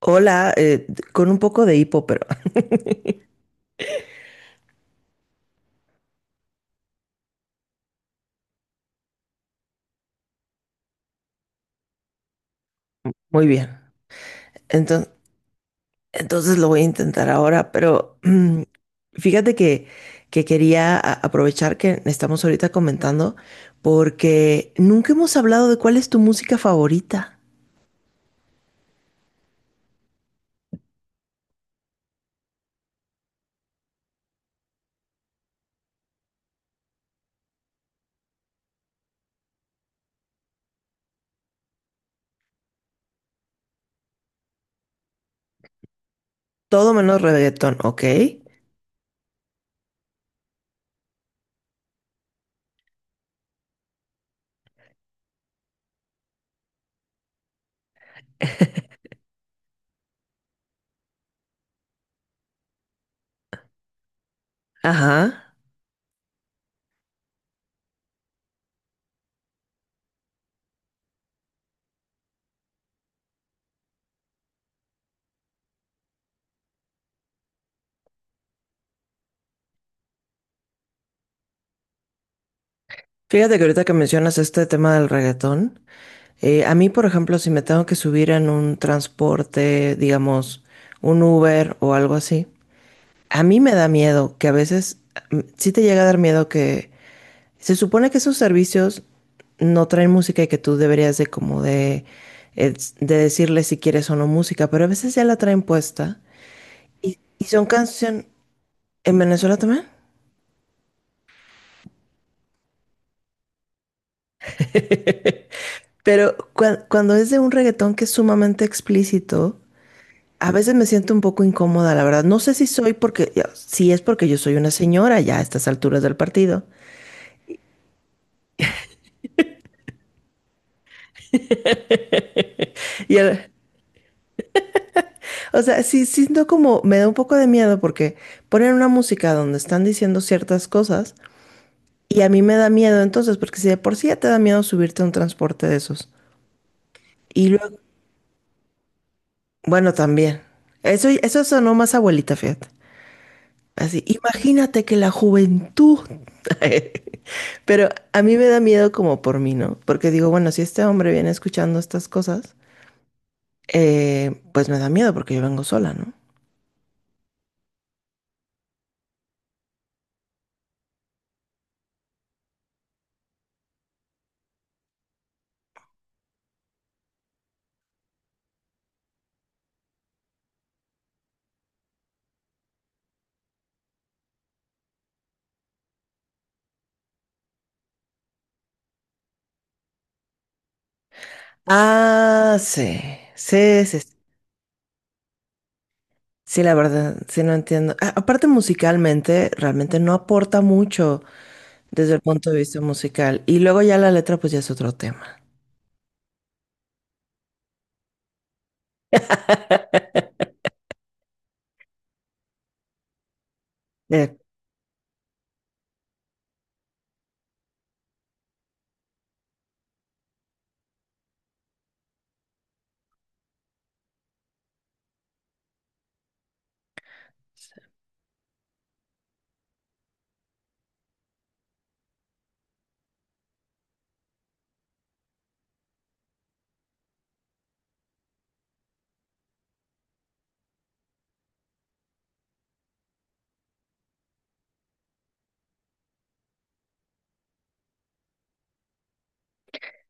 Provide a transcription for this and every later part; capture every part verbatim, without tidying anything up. Hola, eh, con un poco de hipo, pero muy bien. Entonces, entonces lo voy a intentar ahora, pero mm, fíjate que, que quería a- aprovechar que estamos ahorita comentando porque nunca hemos hablado de cuál es tu música favorita. Todo menos reggaetón, ¿ok? Ajá. Fíjate que ahorita que mencionas este tema del reggaetón, eh, a mí, por ejemplo, si me tengo que subir en un transporte, digamos, un Uber o algo así. A mí me da miedo que a veces mm, sí te llega a dar miedo que se supone que esos servicios no traen música y que tú deberías de como de, eh, de decirle si quieres o no música, pero a veces ya la traen puesta y, y son canciones en Venezuela también. Pero cua- cuando es de un reggaetón que es sumamente explícito, a veces me siento un poco incómoda, la verdad. No sé si soy porque, si es porque yo soy una señora ya a estas alturas del partido. Y el- O sea, sí siento como, me da un poco de miedo porque ponen una música donde están diciendo ciertas cosas y a mí me da miedo entonces, porque si de por sí ya te da miedo subirte a un transporte de esos. Y luego, bueno, también. Eso, eso sonó más abuelita, fíjate. Así, imagínate que la juventud. Pero a mí me da miedo como por mí, ¿no? Porque digo, bueno, si este hombre viene escuchando estas cosas, eh, pues me da miedo porque yo vengo sola, ¿no? Ah, sí, sí, sí. Sí, la verdad, sí no entiendo. A- aparte musicalmente, realmente no aporta mucho desde el punto de vista musical. Y luego ya la letra, pues ya es otro tema.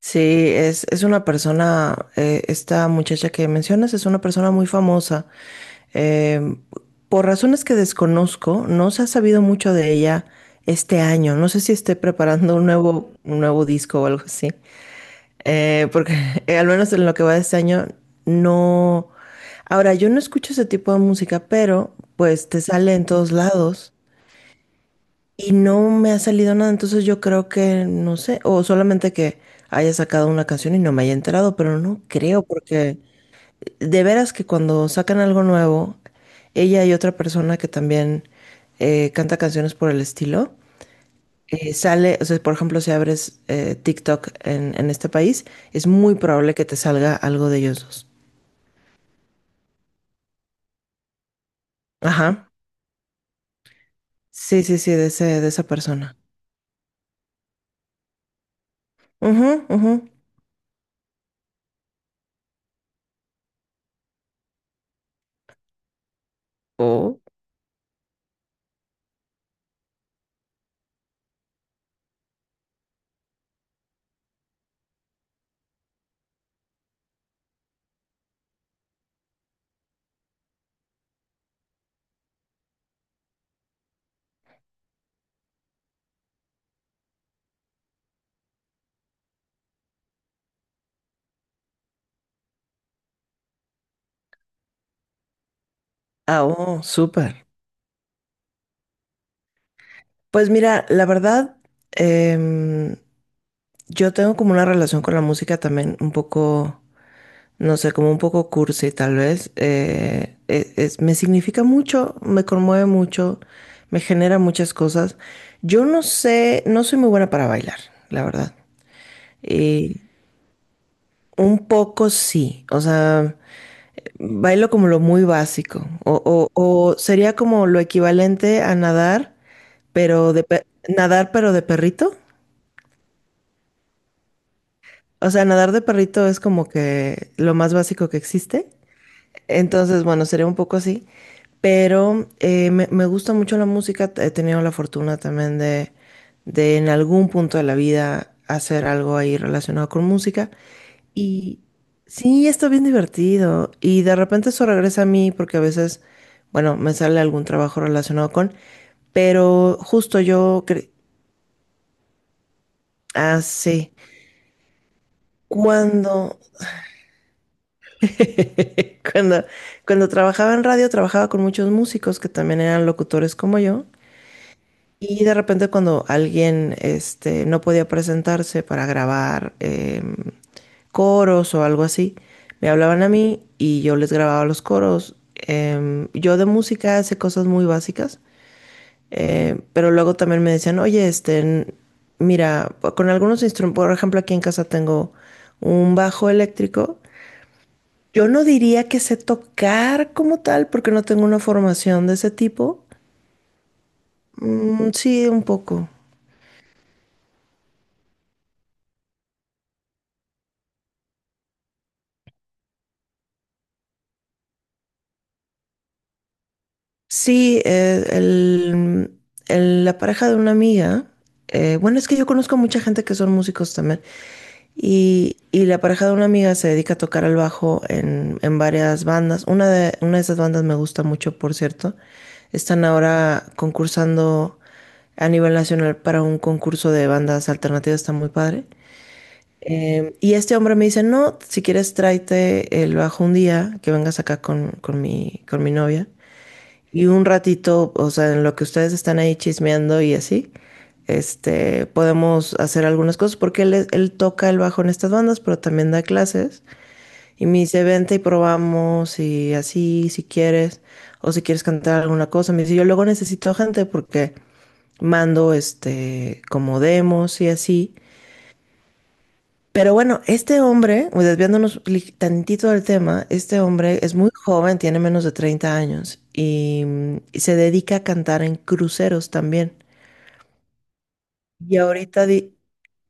Sí, es, es una persona, eh, esta muchacha que mencionas es una persona muy famosa. Eh, por razones que desconozco, no se ha sabido mucho de ella este año. No sé si esté preparando un nuevo, un nuevo disco o algo así. Eh, porque eh, al menos en lo que va de este año, no. Ahora, yo no escucho ese tipo de música, pero pues te sale en todos lados. Y no me ha salido nada, entonces yo creo que, no sé, o solamente que haya sacado una canción y no me haya enterado, pero no creo, porque de veras que cuando sacan algo nuevo, ella y otra persona que también eh, canta canciones por el estilo, eh, sale, o sea, por ejemplo, si abres eh, TikTok en, en este país, es muy probable que te salga algo de ellos dos. Ajá. Sí, sí, sí, de ese, de esa persona. Ujú, ujú. Oh. Ah, oh, súper. Pues mira, la verdad, em, yo tengo como una relación con la música también un poco, no sé, como un poco cursi tal vez. Eh, e- es- me significa mucho, me conmueve mucho, me genera muchas cosas. Yo no sé, no soy muy buena para bailar, la verdad. Y un poco sí, o sea, bailo como lo muy básico, o, o o sería como lo equivalente a nadar, pero de pe- nadar pero de perrito. O sea, nadar de perrito es como que lo más básico que existe. Entonces, bueno, sería un poco así. Pero eh, me, me gusta mucho la música. He tenido la fortuna también de, de en algún punto de la vida hacer algo ahí relacionado con música. Y sí, está bien divertido. Y de repente eso regresa a mí porque a veces, bueno, me sale algún trabajo relacionado con. Pero justo yo, cre- ah, sí. Cuando Cuando, cuando trabajaba en radio, trabajaba con muchos músicos que también eran locutores como yo. Y de repente cuando alguien este, no podía presentarse para grabar em, coros o algo así, me hablaban a mí y yo les grababa los coros. Em, yo de música sé cosas muy básicas, eh, pero luego también me decían, oye, este, n- mira, con algunos instrumentos, por ejemplo, aquí en casa tengo un bajo eléctrico. Yo no diría que sé tocar como tal, porque no tengo una formación de ese tipo. Mm, sí, un poco. Sí, eh, el- el- la pareja de una amiga, eh, bueno, es que yo conozco mucha gente que son músicos también, y, y la pareja de una amiga se dedica a tocar el bajo en, en varias bandas. Una de, una de esas bandas me gusta mucho, por cierto. Están ahora concursando a nivel nacional para un concurso de bandas alternativas, está muy padre. Em, y este hombre me dice, no, si quieres tráete el bajo un día, que vengas acá con, con mi, con mi novia. Y un ratito, o sea, en lo que ustedes están ahí chismeando y así, este, podemos hacer algunas cosas, porque él, es- él toca el bajo en estas bandas, pero también da clases. Y me dice, vente y probamos y así, si quieres, o si quieres cantar alguna cosa. Me dice, yo luego necesito gente porque mando, este, como demos y así. Pero bueno, este hombre, desviándonos li- tantito del tema, este hombre es muy joven, tiene menos de treinta años y, mm, y se dedica a cantar en cruceros también. Y ahorita, di-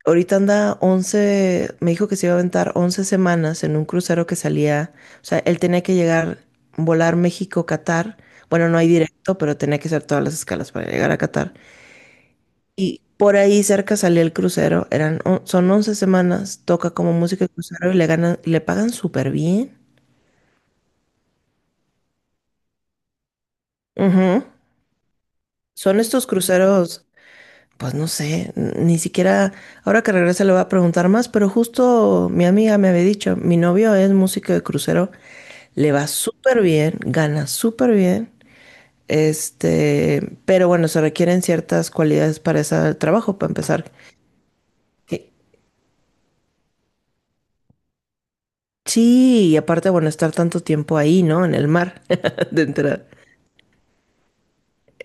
ahorita anda once, me dijo que se iba a aventar once semanas en un crucero que salía, o sea, él tenía que llegar, volar México-Catar. Bueno, no hay directo, pero tenía que hacer todas las escalas para llegar a Qatar. Y por ahí cerca salía el crucero, eran, on- son once semanas, toca como música de crucero y le ganan, le pagan súper bien. Ujú. Son estos cruceros, pues no sé, n- ni siquiera, ahora que regrese le voy a preguntar más, pero justo mi amiga me había dicho, mi novio es músico de crucero, le va súper bien, gana súper bien, este, pero bueno, se requieren ciertas cualidades para ese trabajo, para empezar, que, Sí, y aparte, bueno, estar tanto tiempo ahí, ¿no? En el mar, de entrada.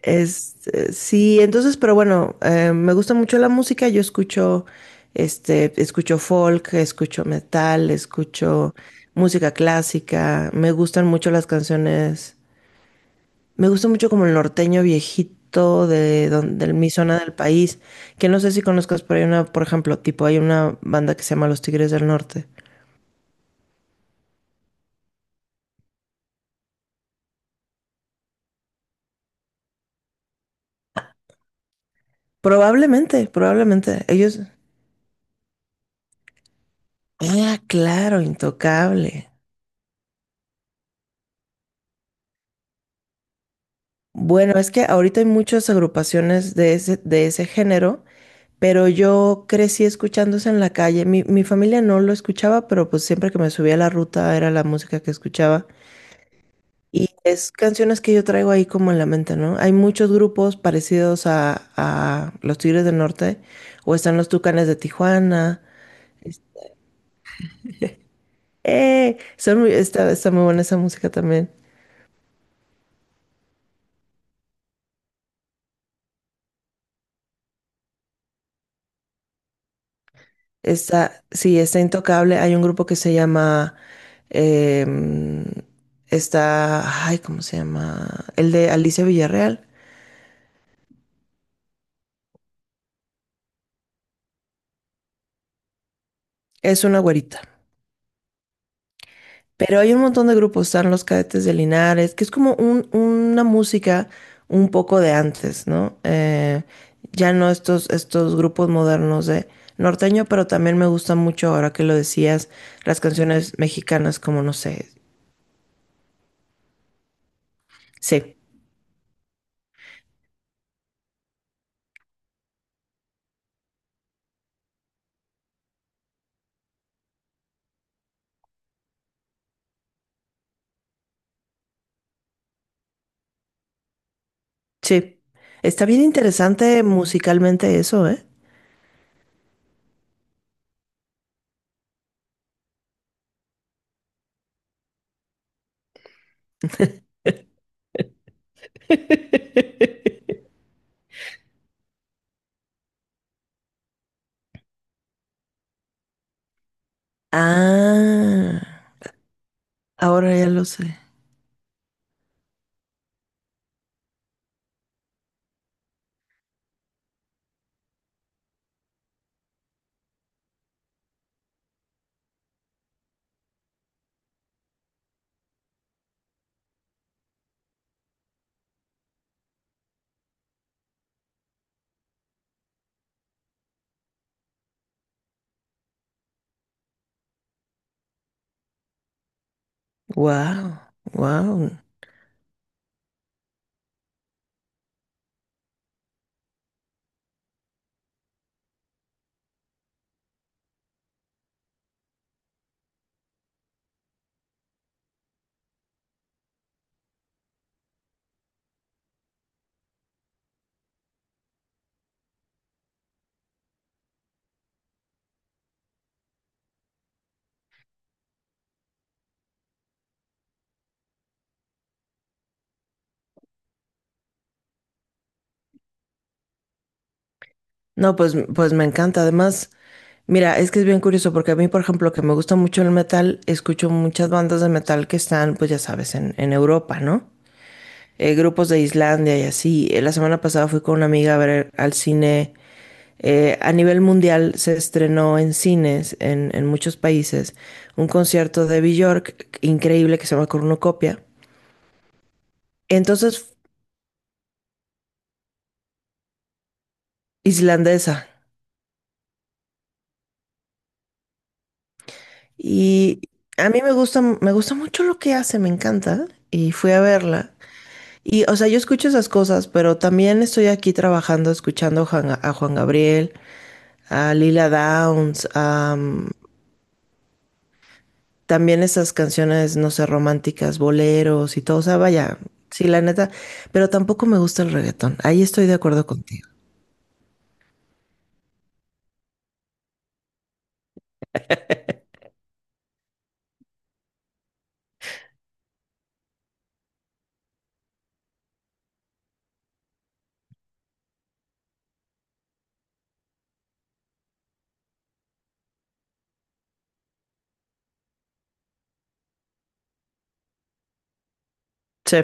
Es, eh, sí, entonces, pero bueno, eh, me gusta mucho la música. Yo escucho, este, escucho folk, escucho metal, escucho música clásica. Me gustan mucho las canciones. Me gusta mucho como el norteño viejito de, don- de mi zona del país, que no sé si conozcas, pero hay una, por ejemplo, tipo, hay una banda que se llama Los Tigres del Norte. Probablemente, probablemente. Ellos. Ah, claro, Intocable. Bueno, es que ahorita hay muchas agrupaciones de ese, de ese género, pero yo crecí escuchándose en la calle. Mi, mi familia no lo escuchaba, pero pues siempre que me subía a la ruta era la música que escuchaba. Y es canciones que yo traigo ahí como en la mente, ¿no? Hay muchos grupos parecidos a, a Los Tigres del Norte, o están los Tucanes de Tijuana. Es- ¡Eh! Son muy- está, está muy buena esa música también. Está, sí, está Intocable. Hay un grupo que se llama, em, está, ay, ¿cómo se llama? El de Alicia Villarreal. Es una güerita. Pero hay un montón de grupos, están los Cadetes de Linares, que es como un- una música un poco de antes, ¿no? Eh, ya no estos, estos grupos modernos de norteño, pero también me gusta mucho, ahora que lo decías, las canciones mexicanas como, no sé, sí. Sí. Está bien interesante musicalmente eso, ¿eh? Ah, ahora ya lo sé. Wow, wow. No, pues, pues me encanta. Además, mira, es que es bien curioso porque a mí, por ejemplo, que me gusta mucho el metal, escucho muchas bandas de metal que están, pues ya sabes, en, en Europa, ¿no? Eh, grupos de Islandia y así. Eh, La semana pasada fui con una amiga a ver al cine. Eh, a nivel mundial se estrenó en cines, en, en muchos países, un concierto de Björk increíble que se llama Cornucopia. Entonces, islandesa. Y a mí me gusta, me gusta mucho lo que hace, me encanta. Y fui a verla. Y, o sea, yo escucho esas cosas, pero también estoy aquí trabajando, escuchando Juan- a Juan Gabriel, a Lila Downs, a, también esas canciones, no sé, románticas, boleros y todo, o sea, vaya, sí, la neta, pero tampoco me gusta el reggaetón. Ahí estoy de acuerdo contigo. Sí,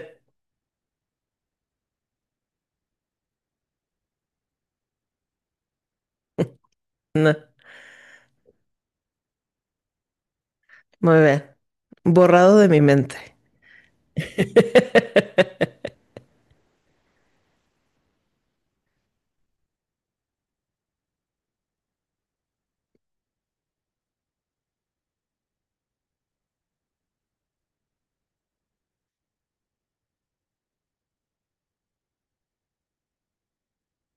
no, muy bien. Borrado de mi mente.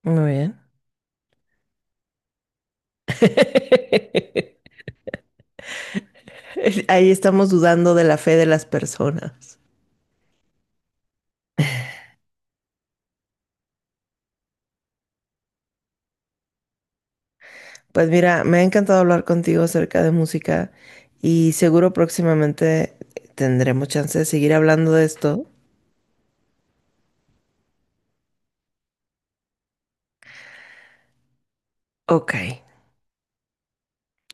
Muy bien. Ahí estamos dudando de la fe de las personas. Pues mira, me ha encantado hablar contigo acerca de música y seguro próximamente tendremos chance de seguir hablando de esto. Ok.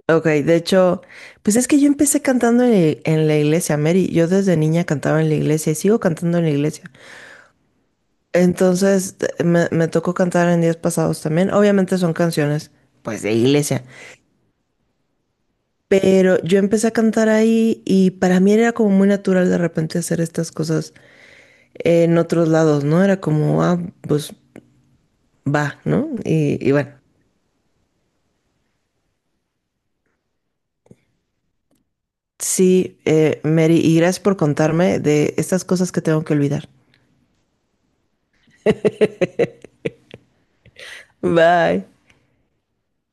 Ok, de hecho, pues es que yo empecé cantando en, la en la iglesia, Mary. Yo desde niña cantaba en la iglesia y sigo cantando en la iglesia. Entonces, t- me, me tocó cantar en días pasados también. Obviamente son canciones, pues, de iglesia. Pero yo empecé a cantar ahí y para mí era como muy natural de repente hacer estas cosas en otros lados, ¿no? Era como, ah, pues va, ¿no? Y, y bueno, sí, eh, Mary, y gracias por contarme de estas cosas que tengo que olvidar. Bye.